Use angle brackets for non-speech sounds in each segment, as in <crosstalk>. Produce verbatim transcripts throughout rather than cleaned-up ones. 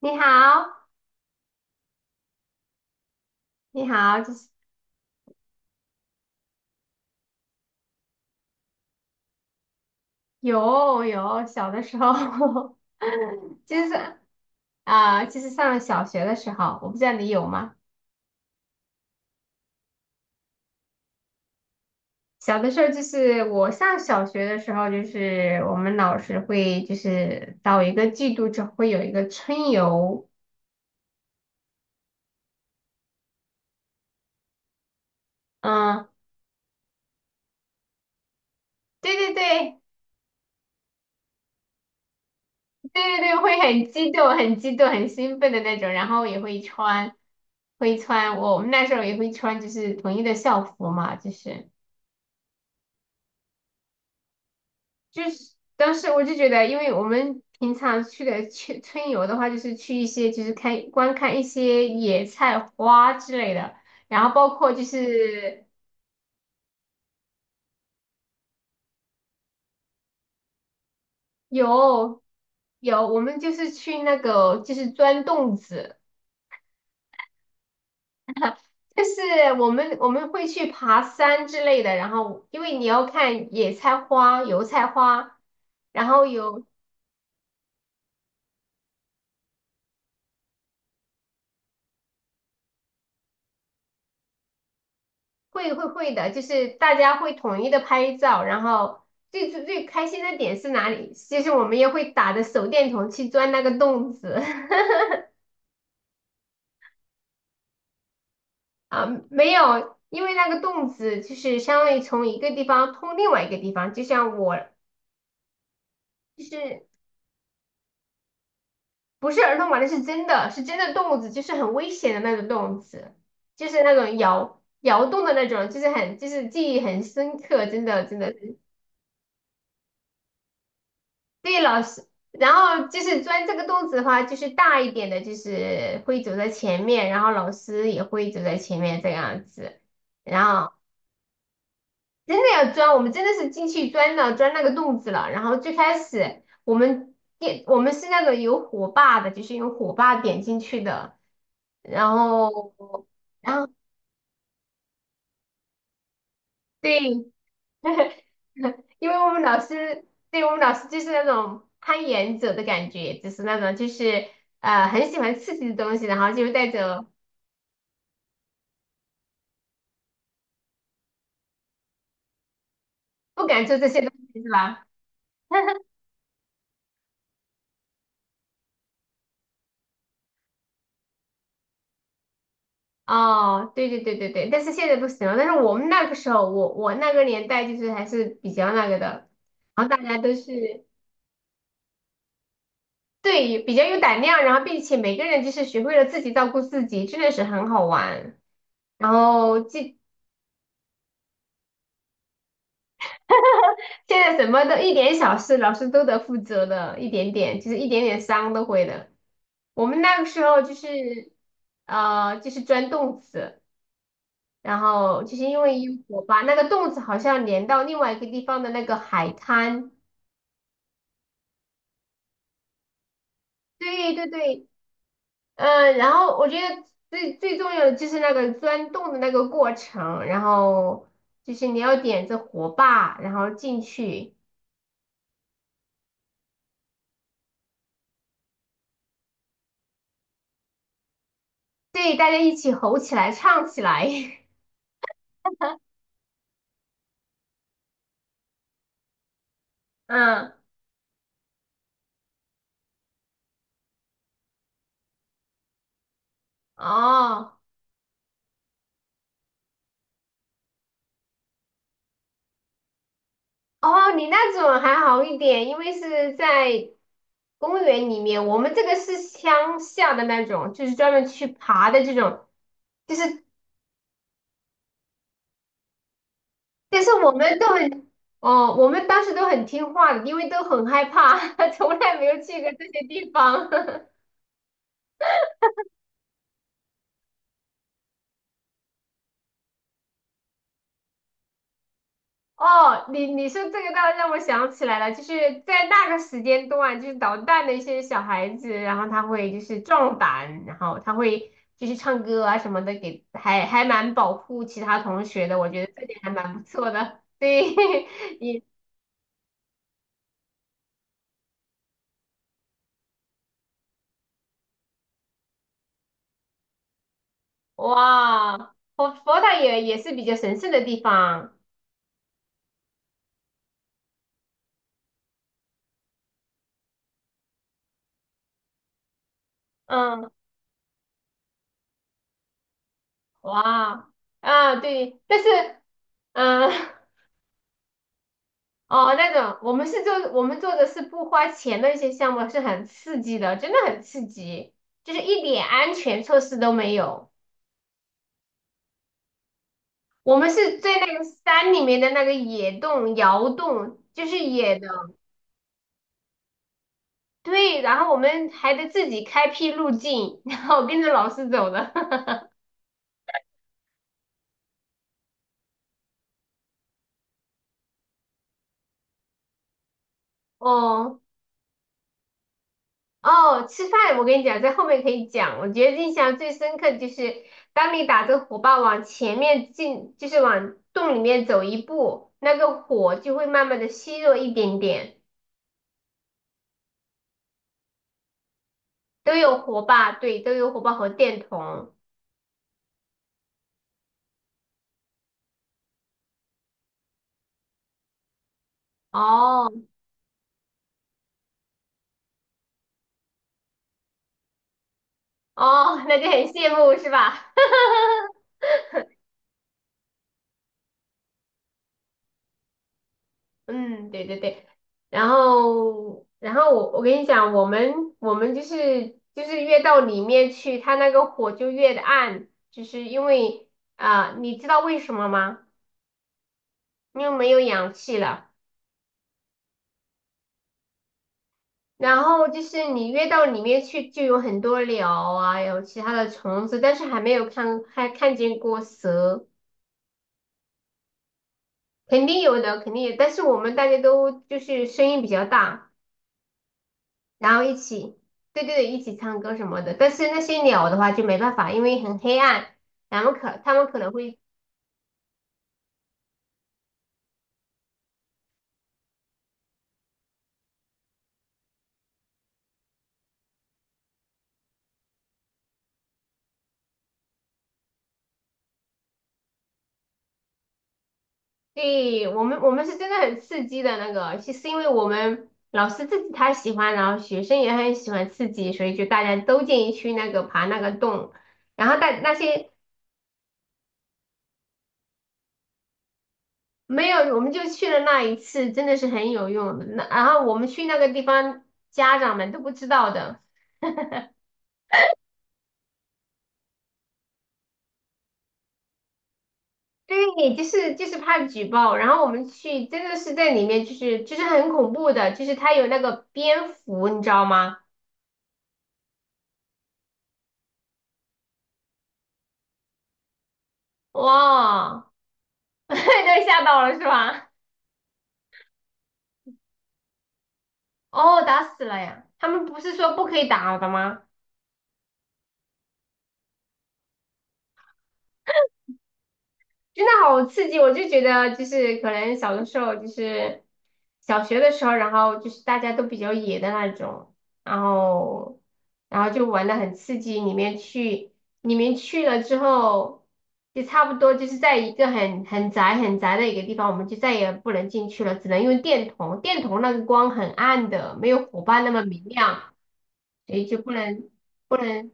<laughs> 你好，你好，就是有有小的时候，<laughs> 就是啊、就是上了小学的时候，我不知道你有吗？小的时候就是我上小学的时候，就是我们老师会就是到一个季度就会有一个春游。嗯，对对对对对对，会很激动、很激动、很兴奋的那种，然后也会穿，会穿我我们那时候也会穿就是统一的校服嘛，就是。就是当时我就觉得，因为我们平常去的去春游的话，就是去一些就是看观看一些野菜花之类的，然后包括就是有有我们就是去那个就是钻洞子，就是我们我们会去爬山之类的，然后因为你要看野菜花、油菜花，然后有会会会的，就是大家会统一的拍照，然后最最最开心的点是哪里？就是我们也会打着手电筒去钻那个洞子。 <laughs> 啊，没有，因为那个洞子就是相当于从一个地方通另外一个地方，就像我就是不是儿童玩的，是真的是真的洞子，就是很危险的那种洞子，就是那种摇摇动的那种，就是很就是记忆很深刻，真的真的。对，老师，然后就是钻这个洞子的话，就是大一点的，就是会走在前面，然后老师也会走在前面这样子。然后真的要钻，我们真的是进去钻了，钻那个洞子了。然后最开始我们点，我们是那个有火把的，就是用火把点进去的。然后，然后对，<laughs> 因为我们老师，对我们老师就是那种攀岩者的感觉，就是那种就是呃很喜欢刺激的东西，然后就带着不敢做这些东西，是吧？<laughs> 哦，对对对对对，但是现在不行了。但是我们那个时候，我我那个年代就是还是比较那个的，然后大家都是对比较有胆量，然后并且每个人就是学会了自己照顾自己，真的是很好玩。然后记现在什么都一点小事，老师都得负责的，一点点，就是一点点伤都会的。我们那个时候就是，呃，就是钻洞子，然后就是因为有我把那个洞子好像连到另外一个地方的那个海滩。对对对，嗯、呃然后我觉得最最重要的就是那个钻洞的那个过程，然后就是你要点着火把，然后进去，对，大家一起吼起来，唱起来。<laughs> 嗯，哦。哦，你那种还好一点，因为是在公园里面，我们这个是乡下的那种，就是专门去爬的这种，就是但是我们都很，哦，我们当时都很听话的，因为都很害怕，<laughs> 从来没有去过这些地方。<laughs> 哦，你你说这个倒让我想起来了，就是在那个时间段，就是捣蛋的一些小孩子，然后他会就是壮胆，然后他会就是唱歌啊什么的，给还还蛮保护其他同学的，我觉得这点还蛮不错的。对，<laughs> 你哇，佛佛塔也也是比较神圣的地方，嗯，哇，啊对，但是嗯。<laughs> 哦，那种我们是做我们做的是不花钱的一些项目，是很刺激的，真的很刺激，就是一点安全措施都没有。我们是在那个山里面的那个野洞、窑洞，就是野的，对。然后我们还得自己开辟路径，然后跟着老师走的。<laughs> 哦，哦，吃饭我跟你讲，在后面可以讲。我觉得印象最深刻的就是当你打着火把往前面进，就是往洞里面走一步，那个火就会慢慢的虚弱一点点。都有火把，对，都有火把和电筒。哦哦，那就很羡慕是吧？嗯，对对对，然后，然后我我跟你讲，我们我们就是就是越到里面去，它那个火就越的暗，就是因为啊、你知道为什么吗？因为没有氧气了。然后就是你越到里面去，就有很多鸟啊，有其他的虫子，但是还没有看还看见过蛇，肯定有的，肯定有，但是我们大家都就是声音比较大。然后一起，对对对，一起唱歌什么的。但是那些鸟的话就没办法，因为很黑暗，然后可他们可能会对我们，我们是真的很刺激的那个，是是因为我们老师自己他喜欢，然后学生也很喜欢刺激，所以就大家都建议去那个爬那个洞，然后但那些没有，我们就去了那一次，真的是很有用的。那然后我们去那个地方，家长们都不知道的。对，就是就是怕举报，然后我们去真的是在里面，就是就是很恐怖的，就是它有那个蝙蝠，你知道吗？哇，<laughs> 对，吓到了是吧？哦，打死了呀！他们不是说不可以打的吗？真的好刺激！我就觉得，就是可能小的时候，就是小学的时候，然后就是大家都比较野的那种，然后然后就玩的很刺激。里面去，里面去了之后，就差不多就是在一个很很窄很窄的一个地方，我们就再也不能进去了，只能用电筒。电筒那个光很暗的，没有火把那么明亮，所以就不能不能。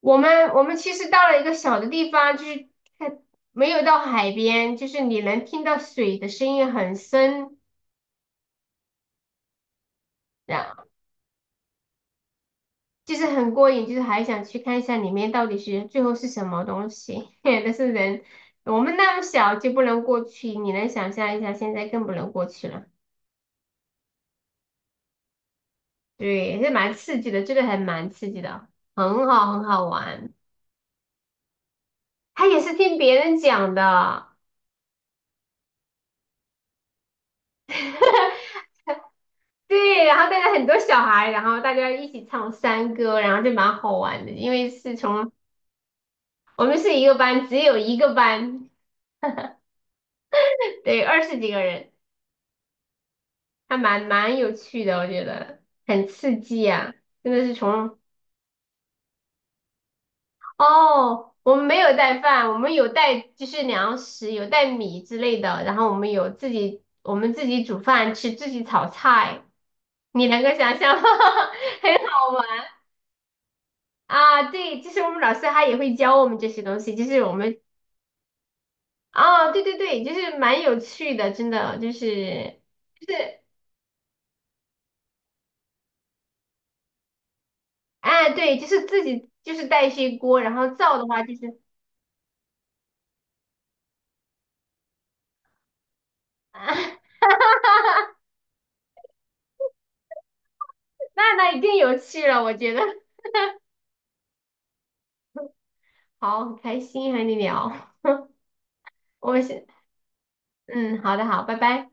我们我们其实到了一个小的地方，就是看，没有到海边，就是你能听到水的声音很深，然后就是很过瘾，就是还想去看一下里面到底是最后是什么东西。<laughs> 但是人我们那么小就不能过去，你能想象一下，现在更不能过去了。对，也是蛮刺激的，这个还蛮刺激的，很好很好玩。他也是听别人讲的。<laughs> 对，然后带着很多小孩，然后大家一起唱山歌，然后就蛮好玩的。因为是从我们是一个班，只有一个班，对，二十几个人，还蛮蛮有趣的，我觉得很刺激啊！真的是从哦，我们没有带饭，我们有带就是粮食，有带米之类的，然后我们有自己我们自己煮饭吃，自己炒菜，你能够想象吗？<laughs> 很好。玩啊，对，就是我们老师他也会教我们这些东西，就是我们哦，对对对，就是蛮有趣的，真的就是就是哎，对，就是自己就是带一些锅，然后造的话就是啊，<laughs> 那那一定有趣了，我觉得好，很开心和你聊，我先嗯，好的好，拜拜。